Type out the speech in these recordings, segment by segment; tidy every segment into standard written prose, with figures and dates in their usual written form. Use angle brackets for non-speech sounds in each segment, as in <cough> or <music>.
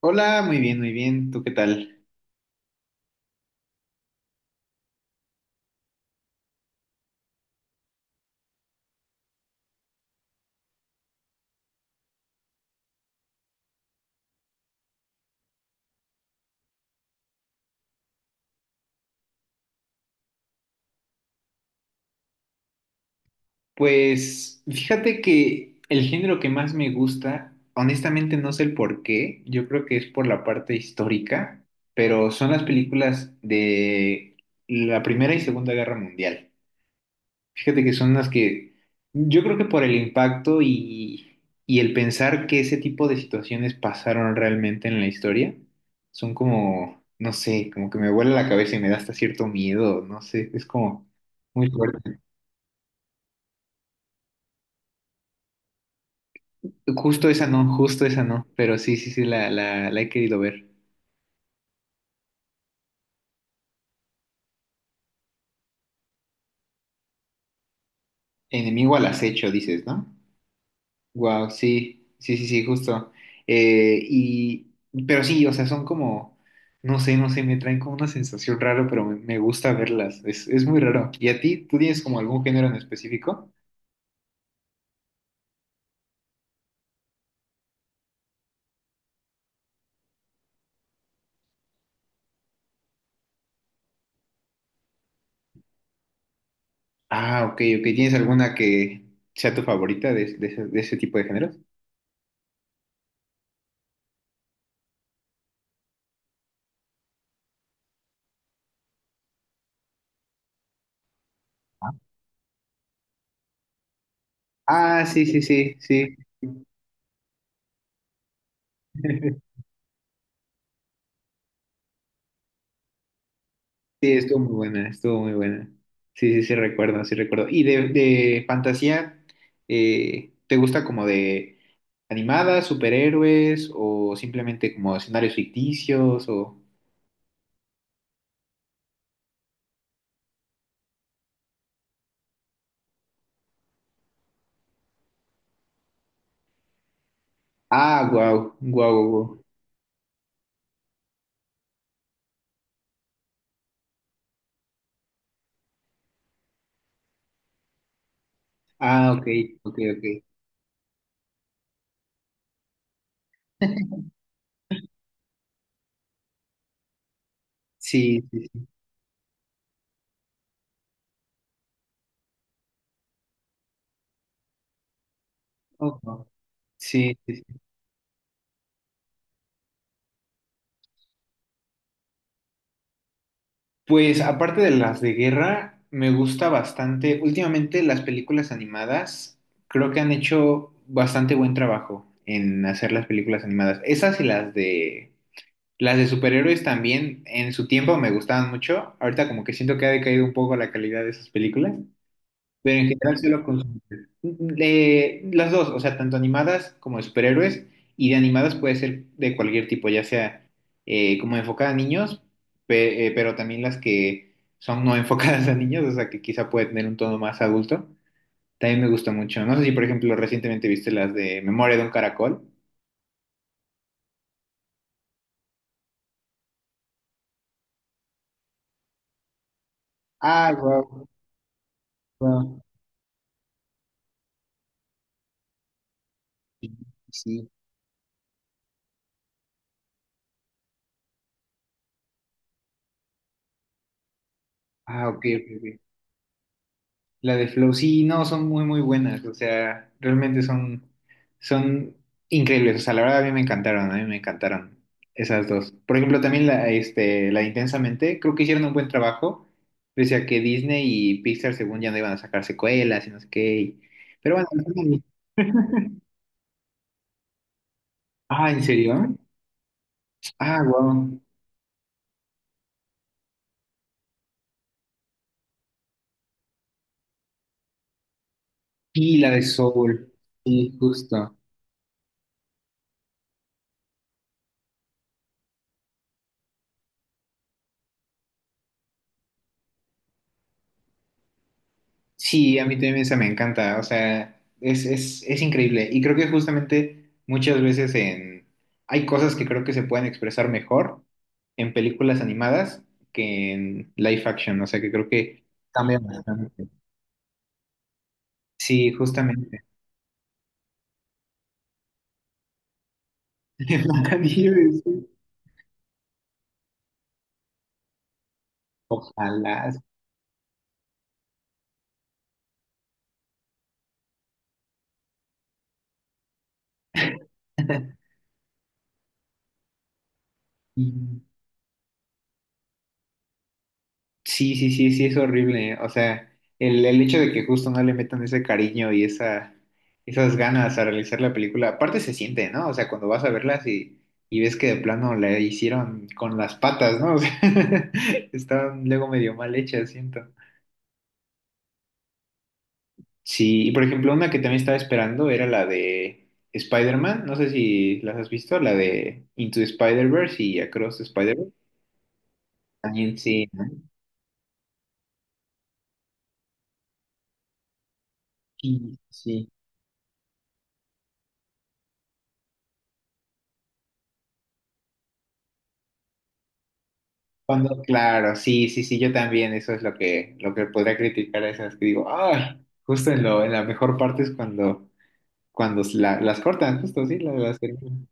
Hola, muy bien, muy bien. ¿Tú qué tal? Pues fíjate que el género que más me gusta, honestamente no sé el por qué, yo creo que es por la parte histórica, pero son las películas de la Primera y Segunda Guerra Mundial. Fíjate que son las que yo creo que por el impacto y el pensar que ese tipo de situaciones pasaron realmente en la historia, son como, no sé, como que me vuela la cabeza y me da hasta cierto miedo, no sé, es como muy fuerte. Justo esa no, pero sí, sí, sí, la he querido ver. Enemigo al Acecho, dices, ¿no? Wow, sí, sí, sí, sí, justo. Eh, y, pero sí, o sea, son como, no sé, no sé, me traen como una sensación rara, pero me gusta verlas, es muy raro. ¿Y a ti, tú tienes como algún género en específico? Ah, ok, ok, ¿tienes alguna que sea tu favorita de ese tipo de géneros? Ah, sí, sí, sí, sí. <laughs> Sí, estuvo muy buena, estuvo muy buena. Sí, sí, sí, recuerdo, sí recuerdo. Y de fantasía, ¿te gusta como de animadas, superhéroes o simplemente como escenarios ficticios o... Ah, wow, wow, wow. Ah, ok, ok, ok. <laughs> Sí, sí, sí. Oh, wow. Sí, sí. Pues aparte de las de guerra, me gusta bastante. Últimamente las películas animadas creo que han hecho bastante buen trabajo en hacer las películas animadas. Esas y las de superhéroes también en su tiempo me gustaban mucho. Ahorita como que siento que ha decaído un poco la calidad de esas películas, pero en general sí los consumo. Las dos, o sea, tanto animadas como de superhéroes. Y de animadas puede ser de cualquier tipo, ya sea como enfocada a niños, pero también las que son no <laughs> enfocadas a niños, o sea, que quizá puede tener un tono más adulto. También me gusta mucho. No sé si, por ejemplo, recientemente viste las de Memoria de un Caracol. Ah, wow, wow. Sí. Sí. Ah, ok, ok, ok. La de Flow, sí, no, son muy, muy buenas, o sea, realmente son increíbles, o sea, la verdad a mí me encantaron, a mí me encantaron esas dos. Por ejemplo, también la de Intensamente, creo que hicieron un buen trabajo, pese a que Disney y Pixar según ya no iban a sacar secuelas y no sé qué, pero bueno. <laughs> Ah, ¿en serio? Ah, wow. Y la de Soul, sí, justo. Sí, a mí también esa me encanta, o sea, es increíble. Y creo que justamente muchas veces en hay cosas que creo que se pueden expresar mejor en películas animadas que en live action, o sea, que creo que cambia bastante. Sí, justamente. <laughs> Blancanieves, sí. Ojalá. Sí. Sí, sí, sí, sí, es horrible. O sea, el hecho de que justo no le metan ese cariño y esa, esas ganas a realizar la película, aparte se siente, ¿no? O sea, cuando vas a verlas y ves que de plano la hicieron con las patas, ¿no? O sea, <laughs> estaban luego medio mal hechas, siento. Sí, y por ejemplo, una que también estaba esperando era la de Spider-Man, no sé si las has visto, la de Into Spider-Verse y Across the Spider-Verse. También sí, ¿no? Sí, sí. Sí. Cuando, claro, sí, sí, sí, yo también, eso es lo que podría criticar a esas que digo, ah, justo en lo, en la mejor parte es cuando las cortan, justo, sí, terminan.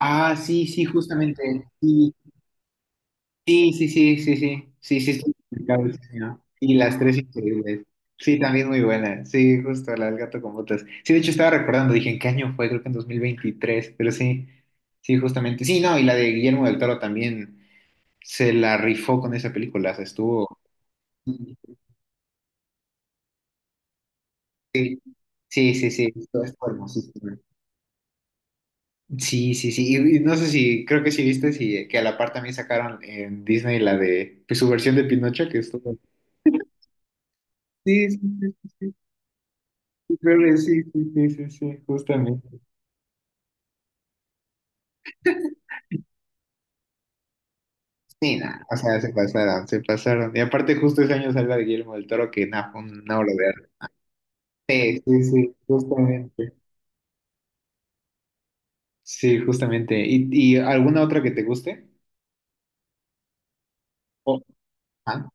Ah, sí, sí, justamente, sí, sí, sí, sí, sí, sí, sí, sí, sí, complicado, sí, sí, ¿no? Y las tres increíbles, sí, también muy buena, sí, justo, la del gato con botas, sí, de hecho estaba recordando, dije, ¿en qué año fue? Creo que en 2023 pero sí, sí, justamente, sí, no, y la de Guillermo del Toro también se la rifó con esa película, o sea, estuvo... Sí, sí, sí. Esto es hermosísimo. Sí, sí, sí. Y no sé si, creo que sí viste si, que a la par también sacaron en Disney la de pues, su versión de Pinocho, que es todo. Sí, sí, sí, sí, sí, sí, creo que sí, sí, sí, sí, sí, justamente. Sí, nada, o sea, se pasaron, se pasaron. Y aparte justo ese año salió de Guillermo del Toro, que nada, fue una obra de arte. Sí, sí, sí, justamente. Sí, justamente. Y alguna otra que te guste? Oh, ah,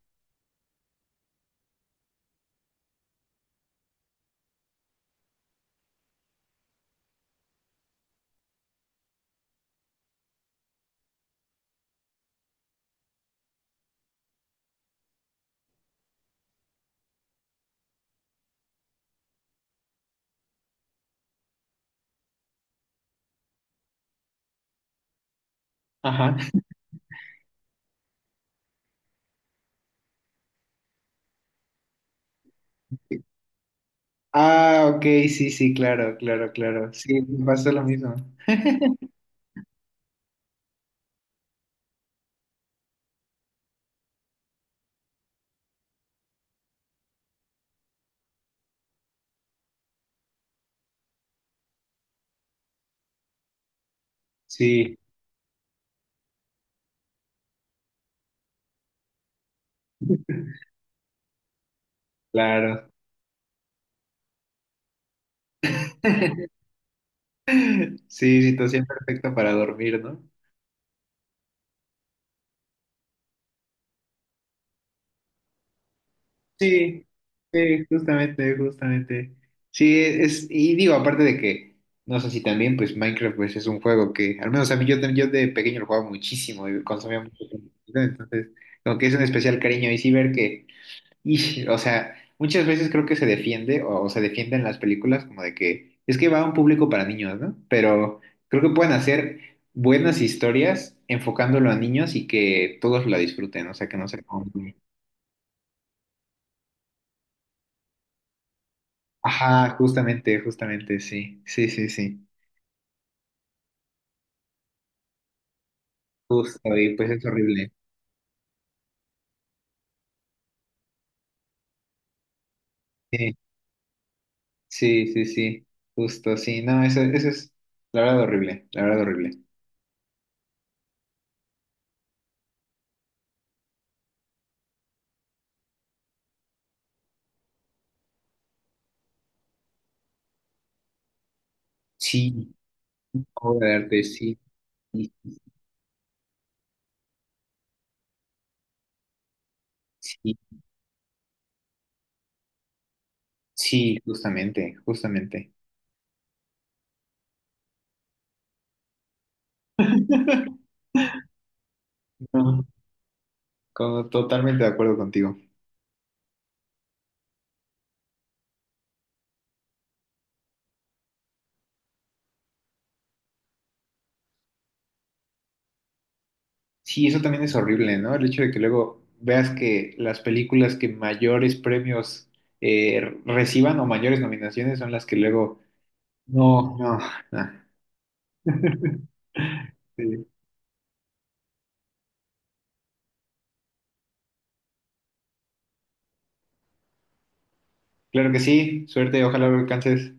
ajá. Ah, ok, sí, sí, claro, claro, claro. Sí, me pasa lo mismo. Sí, claro. <laughs> Sí, situación perfecta para dormir, ¿no? Sí, sí, justamente, justamente. Sí, es, y digo, aparte de que, no sé si también, pues Minecraft pues, es un juego que, al menos a mí yo, yo de pequeño lo jugaba muchísimo y consumía mucho tiempo, ¿no? Entonces, como que es un especial cariño. Y sí ver que. Y, o sea, muchas veces creo que se defiende o se defiende en las películas como de que es que va a un público para niños, ¿no? Pero creo que pueden hacer buenas historias enfocándolo a niños y que todos la disfruten, o sea, que no se como Ajá, justamente, justamente, sí, sí, sí, sí, justo, y pues es horrible. Sí, sí, sí, sí, justo, sí, no, eso es la verdad horrible, la verdad horrible. Sí, obra de arte, sí, sí, sí, sí, justamente, justamente. <laughs> No, totalmente de acuerdo contigo. Sí, eso también es horrible, ¿no? El hecho de que luego veas que las películas que mayores premios reciban o mayores nominaciones son las que luego... No, no, no. <laughs> Sí. Claro que sí, suerte, ojalá lo alcances.